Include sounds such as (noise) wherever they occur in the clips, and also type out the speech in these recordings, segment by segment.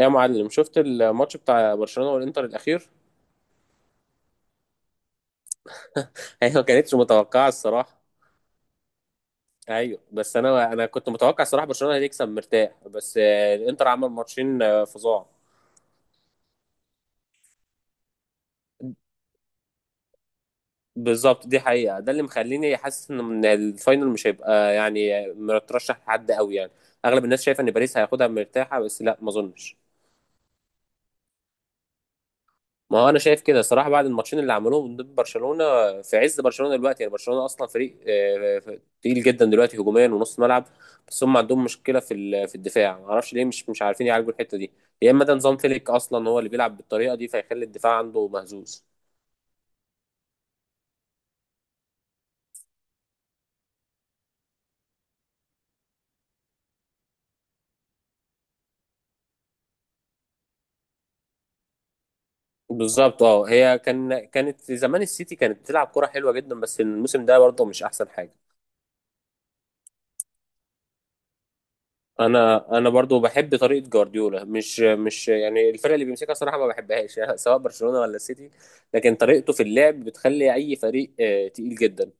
إيه يا معلم، شفت الماتش بتاع برشلونة والانتر الاخير؟ (laughs) هي ما كانتش متوقعة الصراحة. ايوه، بس انا كنت متوقع الصراحة برشلونة هتكسب مرتاح، بس الانتر عمل ماتشين فظاع. بالظبط، دي حقيقة، ده اللي مخليني حاسس ان من الفاينل مش هيبقى يعني مترشح لحد قوي يعني. اغلب الناس شايفة ان باريس هياخدها مرتاحة، بس لا، ما اظنش. ما هو انا شايف كده صراحه بعد الماتشين اللي عملوهم ضد برشلونه في عز برشلونه دلوقتي. يعني برشلونه اصلا فريق تقيل جدا دلوقتي هجوميا ونص ملعب، بس هم عندهم مشكله في في الدفاع. ما اعرفش ليه مش عارفين يعالجوا الحته دي. يا اما ده نظام فليك اصلا هو اللي بيلعب بالطريقه دي، فيخلي الدفاع عنده مهزوز. بالظبط. اه، هي كان كانت زمان السيتي كانت بتلعب كره حلوه جدا، بس الموسم ده برضه مش احسن حاجه. انا برضو بحب طريقه جوارديولا، مش يعني الفرق اللي بيمسكها صراحه ما بحبهاش، يعني سواء برشلونه ولا السيتي، لكن طريقته في اللعب بتخلي اي فريق تقيل جدا.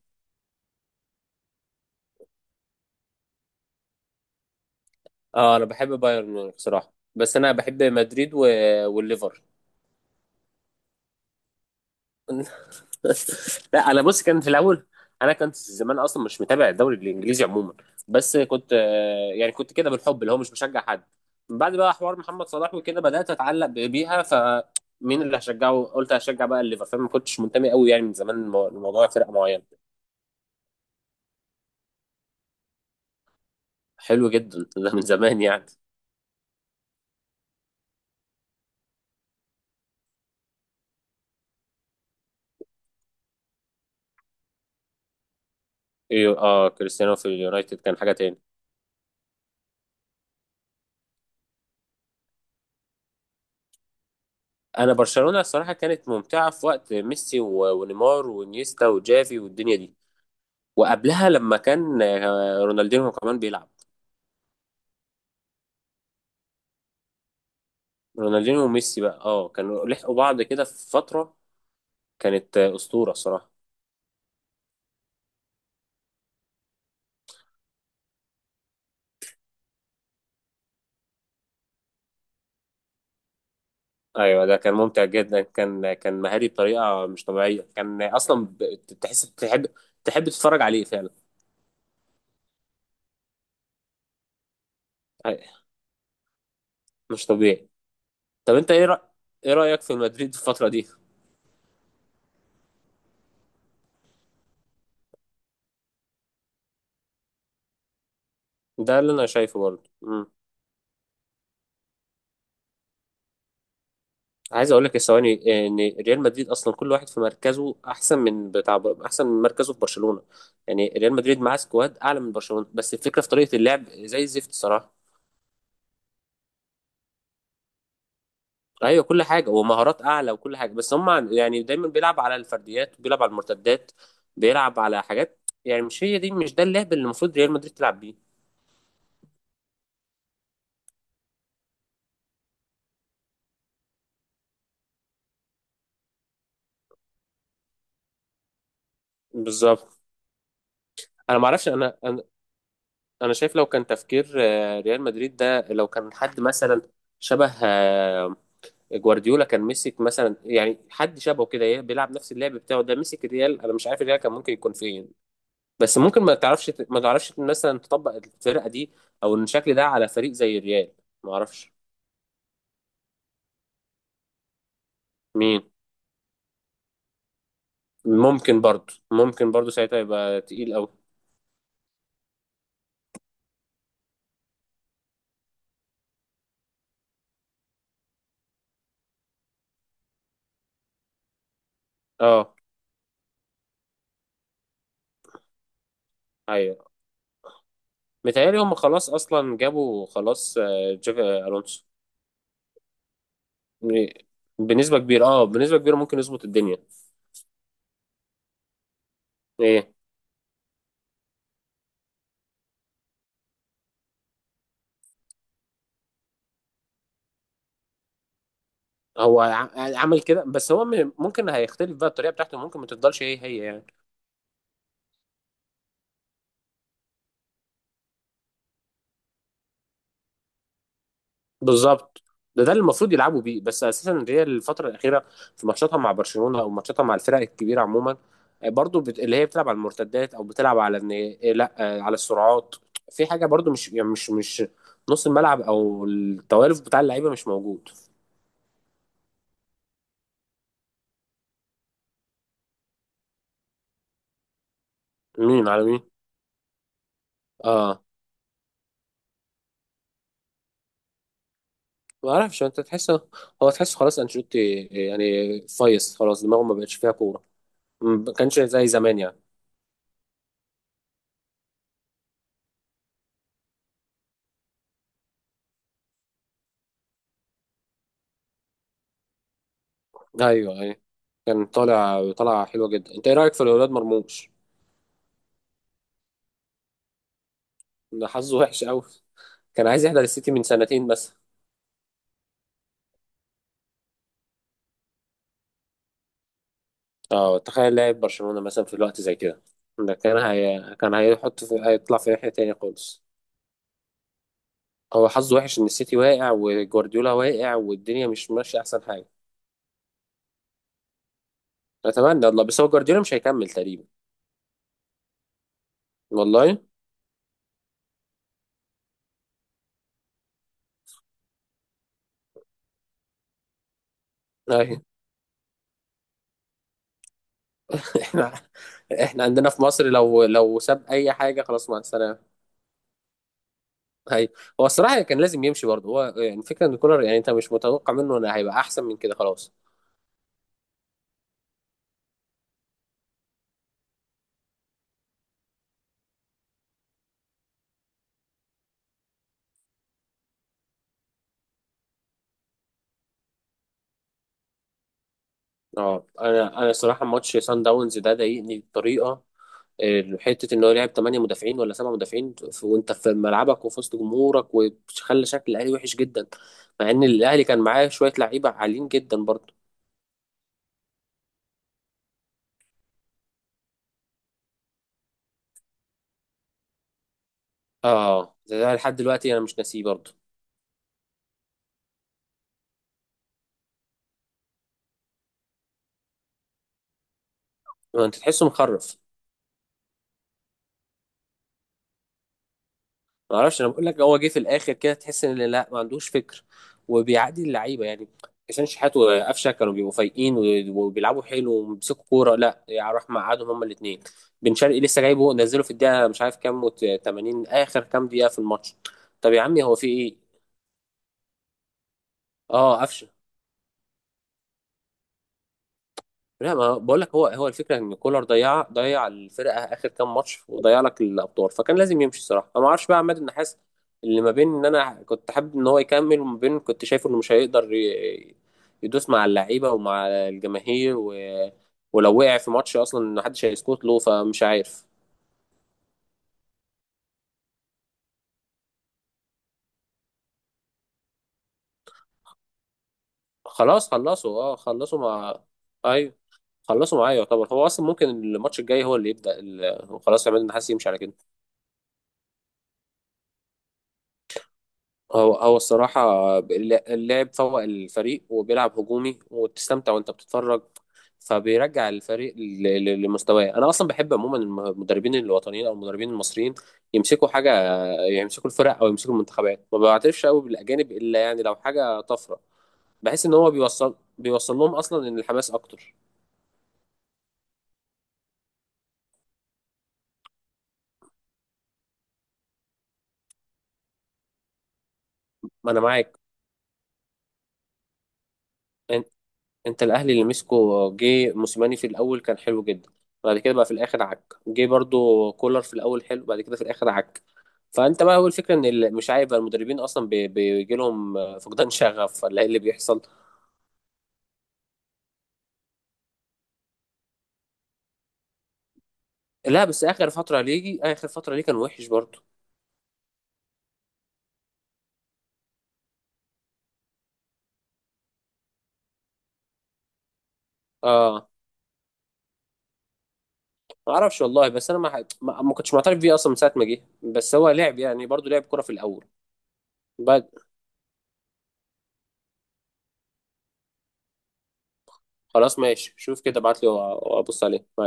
اه، انا بحب بايرن ميونخ صراحه، بس انا بحب مدريد والليفر. (laughs) لا، انا بص، كان في الاول انا كنت زمان اصلا مش متابع الدوري الانجليزي عموما، بس كنت يعني كنت كده بالحب اللي هو مش بشجع حد. من بعد بقى حوار محمد صلاح وكده بدات اتعلق بيها، فمين اللي هشجعه؟ قلت هشجع بقى الليفر، فما كنتش منتمي قوي يعني من زمان، الموضوع فرقه معينه. حلو جدا، ده من زمان يعني. ايوه، اه، كريستيانو في اليونايتد كان حاجه تاني. انا برشلونه الصراحه كانت ممتعه في وقت ميسي ونيمار وانيستا وجافي والدنيا دي، وقبلها لما كان رونالدينو كمان بيلعب. رونالدينيو وميسي بقى، اه، كانوا لحقوا بعض كده في فترة. كانت أسطورة الصراحة. ايوه، ده كان ممتع جدا، كان مهاري بطريقة مش طبيعية، كان اصلا تحس تحب تحب تتفرج عليه فعلا. أي- مش طبيعي. طب انت ايه ايه رأيك في مدريد الفترة دي؟ ده اللي انا شايفه برضه. مم. عايز اقول لك يا ثواني ان ريال مدريد اصلا كل واحد في مركزه احسن من بتاع، احسن من مركزه في برشلونة. يعني ريال مدريد معاه سكواد اعلى من برشلونة، بس الفكرة في طريقة اللعب زي الزفت صراحة. ايوه، كل حاجه ومهارات اعلى وكل حاجه، بس هم يعني دايما بيلعب على الفرديات، بيلعب على المرتدات، بيلعب على حاجات. يعني مش هي دي، مش ده اللعب اللي المفروض ريال مدريد تلعب بيه. بالظبط. انا ما اعرفش، انا أنا شايف لو كان تفكير ريال مدريد ده، لو كان حد مثلا شبه جوارديولا كان مسك، مثلا يعني حد شبهه كده بيلعب نفس اللعب بتاعه ده مسك الريال، انا مش عارف الريال كان ممكن يكون فين. بس ممكن ما تعرفش مثلا تطبق الفرقه دي او الشكل ده على فريق زي الريال، ما اعرفش. مين؟ ممكن برضو، ممكن برضو ساعتها يبقى تقيل قوي. اه، ايوه متهيألي هم خلاص اصلا جابوا، خلاص جافي الونسو. بنسبه كبيره، اه بنسبه كبيره ممكن يظبط الدنيا. ايه؟ هو عمل كده، بس هو ممكن هيختلف بقى الطريقه بتاعته، ممكن ما تفضلش هي يعني. بالظبط، ده اللي المفروض يلعبوا بيه، بس اساسا الريال الفتره الاخيره في ماتشاتها مع برشلونه او ماتشاتها مع الفرق الكبيره عموما آه، برضو بت... اللي هي بتلعب على المرتدات، او بتلعب على ان إيه، لا آه، على السرعات. في حاجه برضو، مش يعني مش نص الملعب او التوالف بتاع اللعيبه مش موجود. مين على مين؟ اه، ما اعرفش، انت تحس، تحس خلاص انشيلوتي يعني فايص خلاص، دماغه ما بقتش فيها كوره، ما كانش زي زمان يعني. ايوه، ايوه. كان طالع حلوه جدا. انت ايه رايك في الولاد مرموش؟ ده حظه وحش قوي، كان عايز يحضر السيتي من سنتين مثلا. اه، تخيل لاعب برشلونة مثلا في الوقت زي كده، ده كان كان هيطلع في ناحية تانية خالص. هو حظه وحش ان السيتي واقع وجوارديولا واقع والدنيا مش ماشية احسن حاجة. اتمنى والله، بس هو جوارديولا مش هيكمل تقريبا. والله أيوة. (laughs) احنا احنا عندنا في مصر لو، ساب اي حاجة خلاص، مع السلامة. هي، هو الصراحة كان لازم يمشي برضه هو، يعني الفكرة ان كولر، يعني انت مش متوقع منه انه هيبقى احسن من كده، خلاص. اه، انا صراحه ماتش سان داونز ده ضايقني بطريقه حته ان هو لعب 8 مدافعين ولا 7 مدافعين، وانت في ملعبك وفي وسط جمهورك وخلى شكل الاهلي وحش جدا. مع ان الاهلي كان معاه شويه لعيبه عاليين جدا برضه. اه، ده لحد دلوقتي انا مش ناسيه برضه انت تحسه مخرف. ما اعرفش، انا بقول لك، هو جه في الاخر كده تحس ان لا، ما عندوش فكر، وبيعادي اللعيبه يعني. حسين شحات وقفشه كانوا بيبقوا فايقين وبيلعبوا حلو وبيمسكوا كوره، لا يعني راح مقعدهم هما الاثنين. بن شرقي لسه جايبه نزله في الدقيقه مش عارف كام، 80، اخر كام دقيقه في الماتش. طب يا عمي، هو في ايه؟ اه، قفشه. لا، ما بقول لك، هو الفكره ان كولر ضيع الفرقه اخر كام ماتش وضيع لك الابطال، فكان لازم يمشي الصراحه. انا ما اعرفش بقى عماد النحاس، اللي ما بين ان انا كنت حابب ان هو يكمل، وما بين كنت شايفه انه مش هيقدر يدوس مع اللعيبه ومع الجماهير، و... ولو وقع في ماتش اصلا ما حدش هيسكت له، فمش عارف. خلاص خلصوا. اه، خلصوا مع ايوه خلصوا معايا، يعتبر هو اصلا ممكن الماتش الجاي هو اللي يبدا خلاص عماد النحاس يمشي على كده. هو الصراحة اللاعب فوق الفريق وبيلعب هجومي وتستمتع وانت بتتفرج، فبيرجع الفريق لمستواه. انا اصلا بحب عموما المدربين الوطنيين او المدربين المصريين يمسكوا حاجة، يمسكوا الفرق او يمسكوا المنتخبات. ما بعترفش قوي بالاجانب الا يعني لو حاجة طفرة. بحس ان هو بيوصل لهم اصلا ان الحماس اكتر. ما انا معاك. ان- انت الاهلي اللي مسكه جه موسيماني في الاول كان حلو جدا، بعد كده بقى في الاخر عك. جه برضو كولر في الاول حلو، بعد كده في الاخر عك. فانت بقى، هو الفكره ان مش عارف بقى المدربين اصلا بيجي لهم فقدان شغف ولا ايه اللي بيحصل. لا، بس اخر فتره ليجي، اخر فتره ليه كان وحش برضه. اه، ما اعرفش والله، بس انا ما ح- ما ما كنتش معترف بيه اصلا من ساعه ما جه، بس هو لعب يعني برضه لعب كوره في الاول. بعد خلاص، ماشي، شوف كده، ابعت لي وابص عليه.